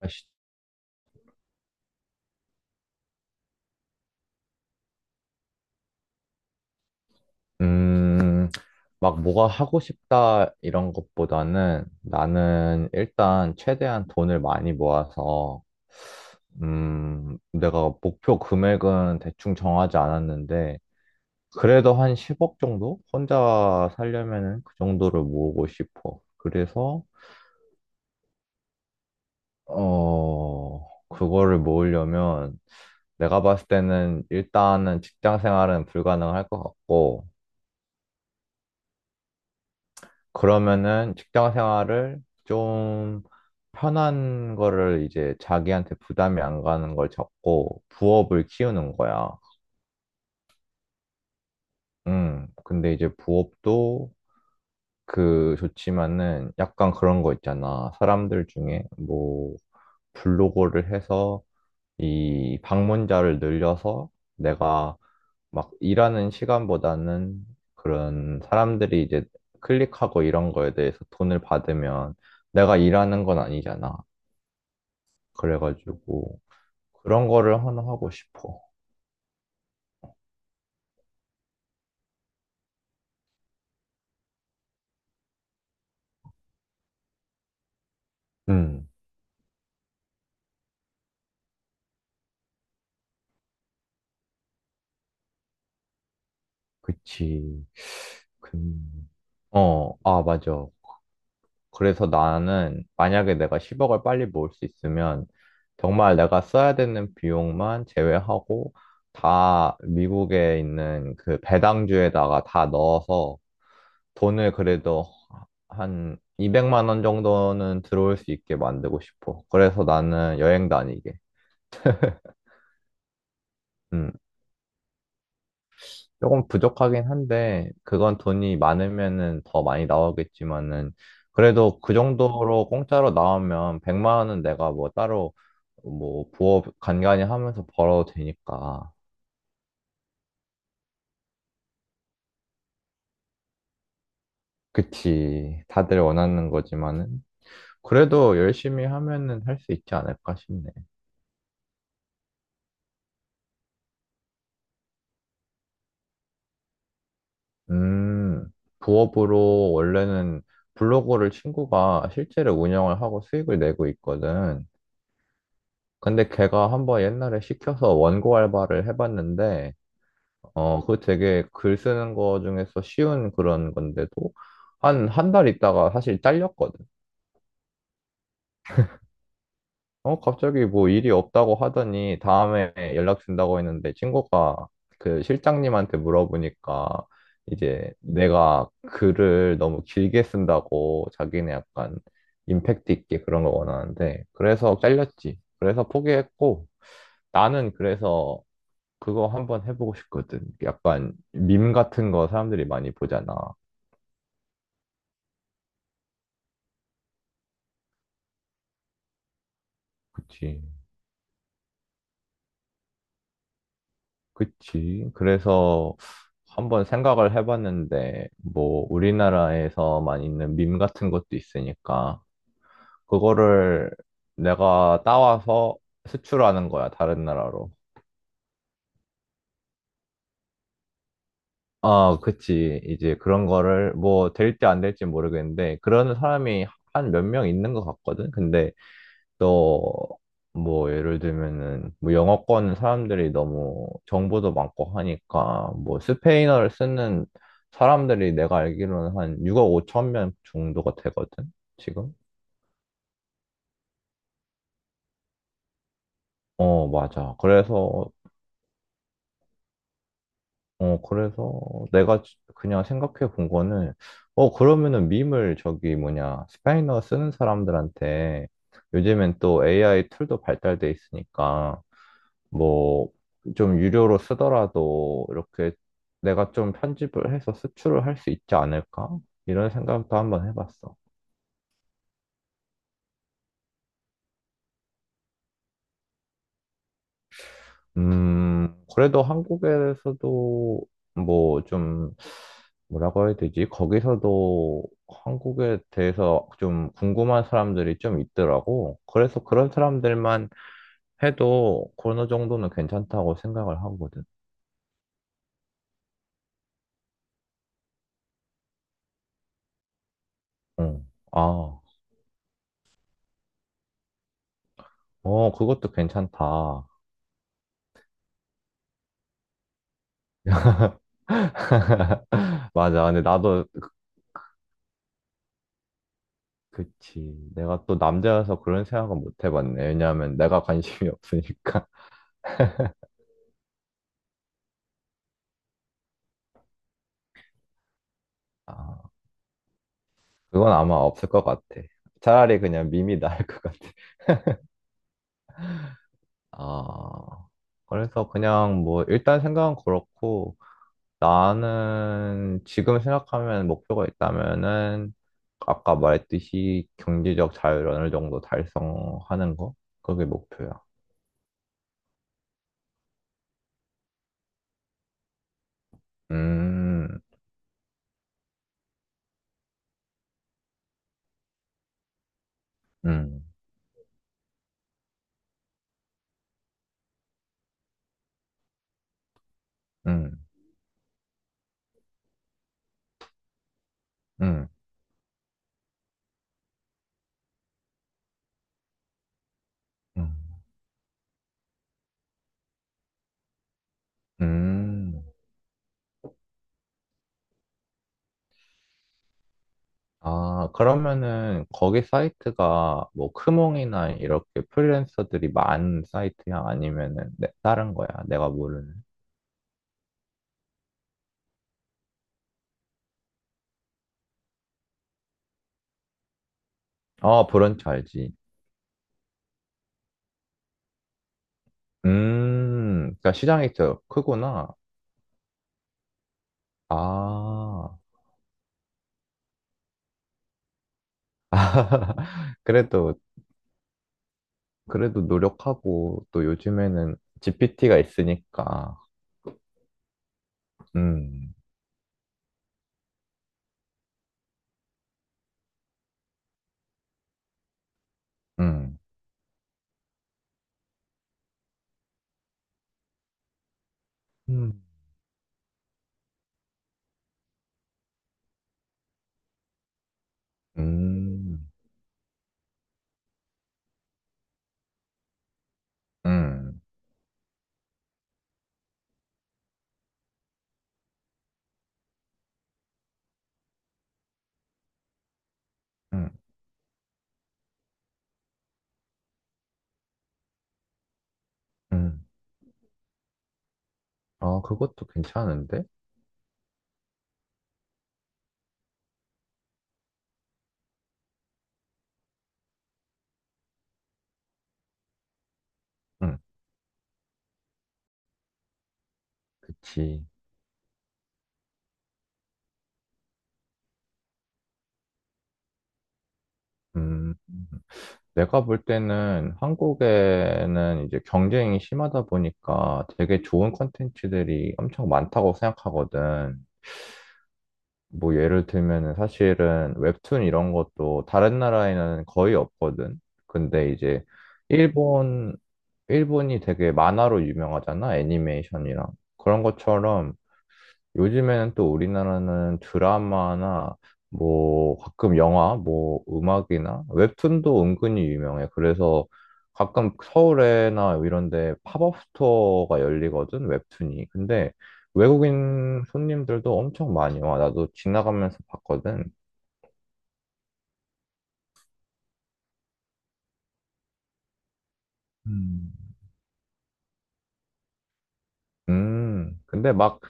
아시- 음, 막 뭐가 하고 싶다 이런 것보다는 나는 일단 최대한 돈을 많이 모아서, 내가 목표 금액은 대충 정하지 않았는데, 그래도 한 10억 정도? 혼자 살려면은 그 정도를 모으고 싶어. 그래서, 그거를 모으려면 내가 봤을 때는 일단은 직장 생활은 불가능할 것 같고, 그러면은 직장 생활을 좀 편한 거를 이제 자기한테 부담이 안 가는 걸 잡고 부업을 키우는 거야. 근데 이제 부업도 그 좋지만은 약간 그런 거 있잖아. 사람들 중에 뭐 블로거를 해서 이 방문자를 늘려서 내가 막 일하는 시간보다는 그런 사람들이 이제 클릭하고 이런 거에 대해서 돈을 받으면 내가 일하는 건 아니잖아. 그래가지고 그런 거를 하나 하고 싶어. 음, 그치. 그 아, 맞아. 그래서 나는 만약에 내가 10억을 빨리 모을 수 있으면 정말 내가 써야 되는 비용만 제외하고 다 미국에 있는 그 배당주에다가 다 넣어서 돈을 그래도 한 200만 원 정도는 들어올 수 있게 만들고 싶어. 그래서 나는 여행 다니게. 음. 조금 부족하긴 한데, 그건 돈이 많으면은 더 많이 나오겠지만은, 그래도 그 정도로 공짜로 나오면 100만 원은 내가 뭐 따로 뭐 부업 간간히 하면서 벌어도 되니까. 그치. 다들 원하는 거지만은. 그래도 열심히 하면은 할 수 있지 않을까 싶네. 음, 부업으로 원래는 블로그를 친구가 실제로 운영을 하고 수익을 내고 있거든. 근데 걔가 한번 옛날에 시켜서 원고 알바를 해봤는데, 어, 그거 되게 글 쓰는 거 중에서 쉬운 그런 건데도 한 달 있다가 사실 잘렸거든. 어, 갑자기 뭐 일이 없다고 하더니 다음에 연락 준다고 했는데 친구가 그 실장님한테 물어보니까 이제 내가 글을 너무 길게 쓴다고 자기는 약간 임팩트 있게 그런 걸 원하는데 그래서 잘렸지. 그래서 포기했고 나는 그래서 그거 한번 해보고 싶거든. 약간 밈 같은 거 사람들이 많이 보잖아. 그치, 그치. 그래서 한번 생각을 해봤는데, 뭐, 우리나라에서만 있는 밈 같은 것도 있으니까, 그거를 내가 따와서 수출하는 거야, 다른 나라로. 아, 그치. 이제 그런 거를 뭐, 될지 안 될지 모르겠는데, 그런 사람이 한 몇 명 있는 것 같거든? 근데 또 뭐 예를 들면은 뭐 영어권 사람들이 너무 정보도 많고 하니까 뭐 스페인어를 쓰는 사람들이 내가 알기로는 한 6억 5천 명 정도가 되거든 지금. 어, 맞아. 그래서 어 그래서 내가 그냥 생각해 본 거는 어 그러면은 밈을 저기 뭐냐 스페인어 쓰는 사람들한테 요즘엔 또 AI 툴도 발달돼 있으니까 뭐 좀 유료로 쓰더라도 이렇게 내가 좀 편집을 해서 수출을 할 수 있지 않을까? 이런 생각도 한번 해봤어. 그래도 한국에서도 뭐 좀 뭐라고 해야 되지? 거기서도 한국에 대해서 좀 궁금한 사람들이 좀 있더라고. 그래서 그런 사람들만 해도 어느 정도는 괜찮다고 생각을 하거든. 응. 아, 그것도 괜찮다. 맞아. 근데 나도 그치. 내가 또 남자여서 그런 생각은 못 해봤네. 왜냐하면 내가 관심이 없으니까. 아, 그건 아마 없을 것 같아. 차라리 그냥 밈이 나을 것 같아. 아, 그래서 그냥 뭐 일단 생각은 그렇고 나는 지금 생각하면 목표가 있다면은 아까 말했듯이 경제적 자유를 어느 정도 달성하는 거? 그게 목표야. 음, 음, 음, 음, 음. 음, 아, 그러면은 거기 사이트가 뭐 크몽이나 이렇게 프리랜서들이 많은 사이트야? 아니면은 다른 거야? 내가 모르는. 어, 브런치 알지. 그러니까 시장이 더 크구나. 아, 그래도, 그래도, 노력하고 또 요즘에는 GPT가 있으니까. 음, 음, 음, 음, 음, 음, 음. 아, 그것도 괜찮은데? 음 그치. 음, 내가 볼 때는 한국에는 이제 경쟁이 심하다 보니까 되게 좋은 콘텐츠들이 엄청 많다고 생각하거든. 뭐 예를 들면은 사실은 웹툰 이런 것도 다른 나라에는 거의 없거든. 근데 이제 일본, 일본이 되게 만화로 유명하잖아. 애니메이션이랑. 그런 것처럼 요즘에는 또 우리나라는 드라마나 뭐 가끔 영화, 뭐 음악이나 웹툰도 은근히 유명해. 그래서 가끔 서울에나 이런 데 팝업 스토어가 열리거든, 웹툰이. 근데 외국인 손님들도 엄청 많이 와. 나도 지나가면서 봤거든. 음. 근데 막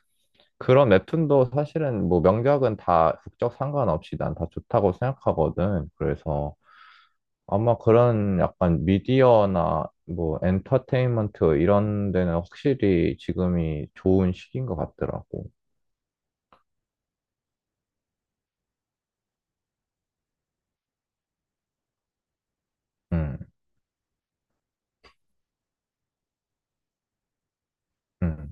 그런 웹툰도 사실은 뭐 명작은 다 국적 상관없이 난 다 좋다고 생각하거든. 그래서 아마 그런 약간 미디어나 뭐 엔터테인먼트 이런 데는 확실히 지금이 좋은 시기인 것 같더라고. 응, 응.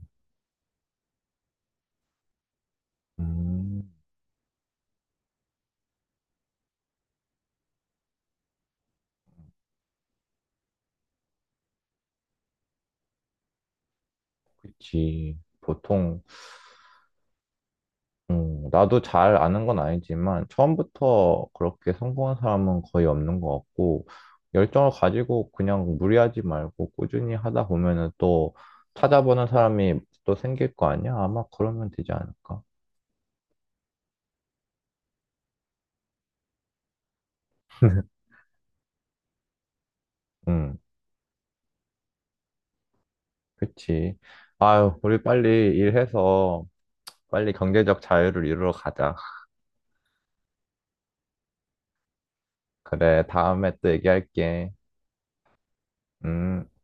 음, 그치. 보통, 나도 잘 아는 건 아니지만 처음부터 그렇게 성공한 사람은 거의 없는 것 같고 열정을 가지고 그냥 무리하지 말고 꾸준히 하다 보면은 또 찾아보는 사람이 또 생길 거 아니야? 아마 그러면 되지 않을까? 응. 그치. 아유, 우리 빨리 일해서 빨리 경제적 자유를 이루러 가자. 그래, 다음에 또 얘기할게. 음.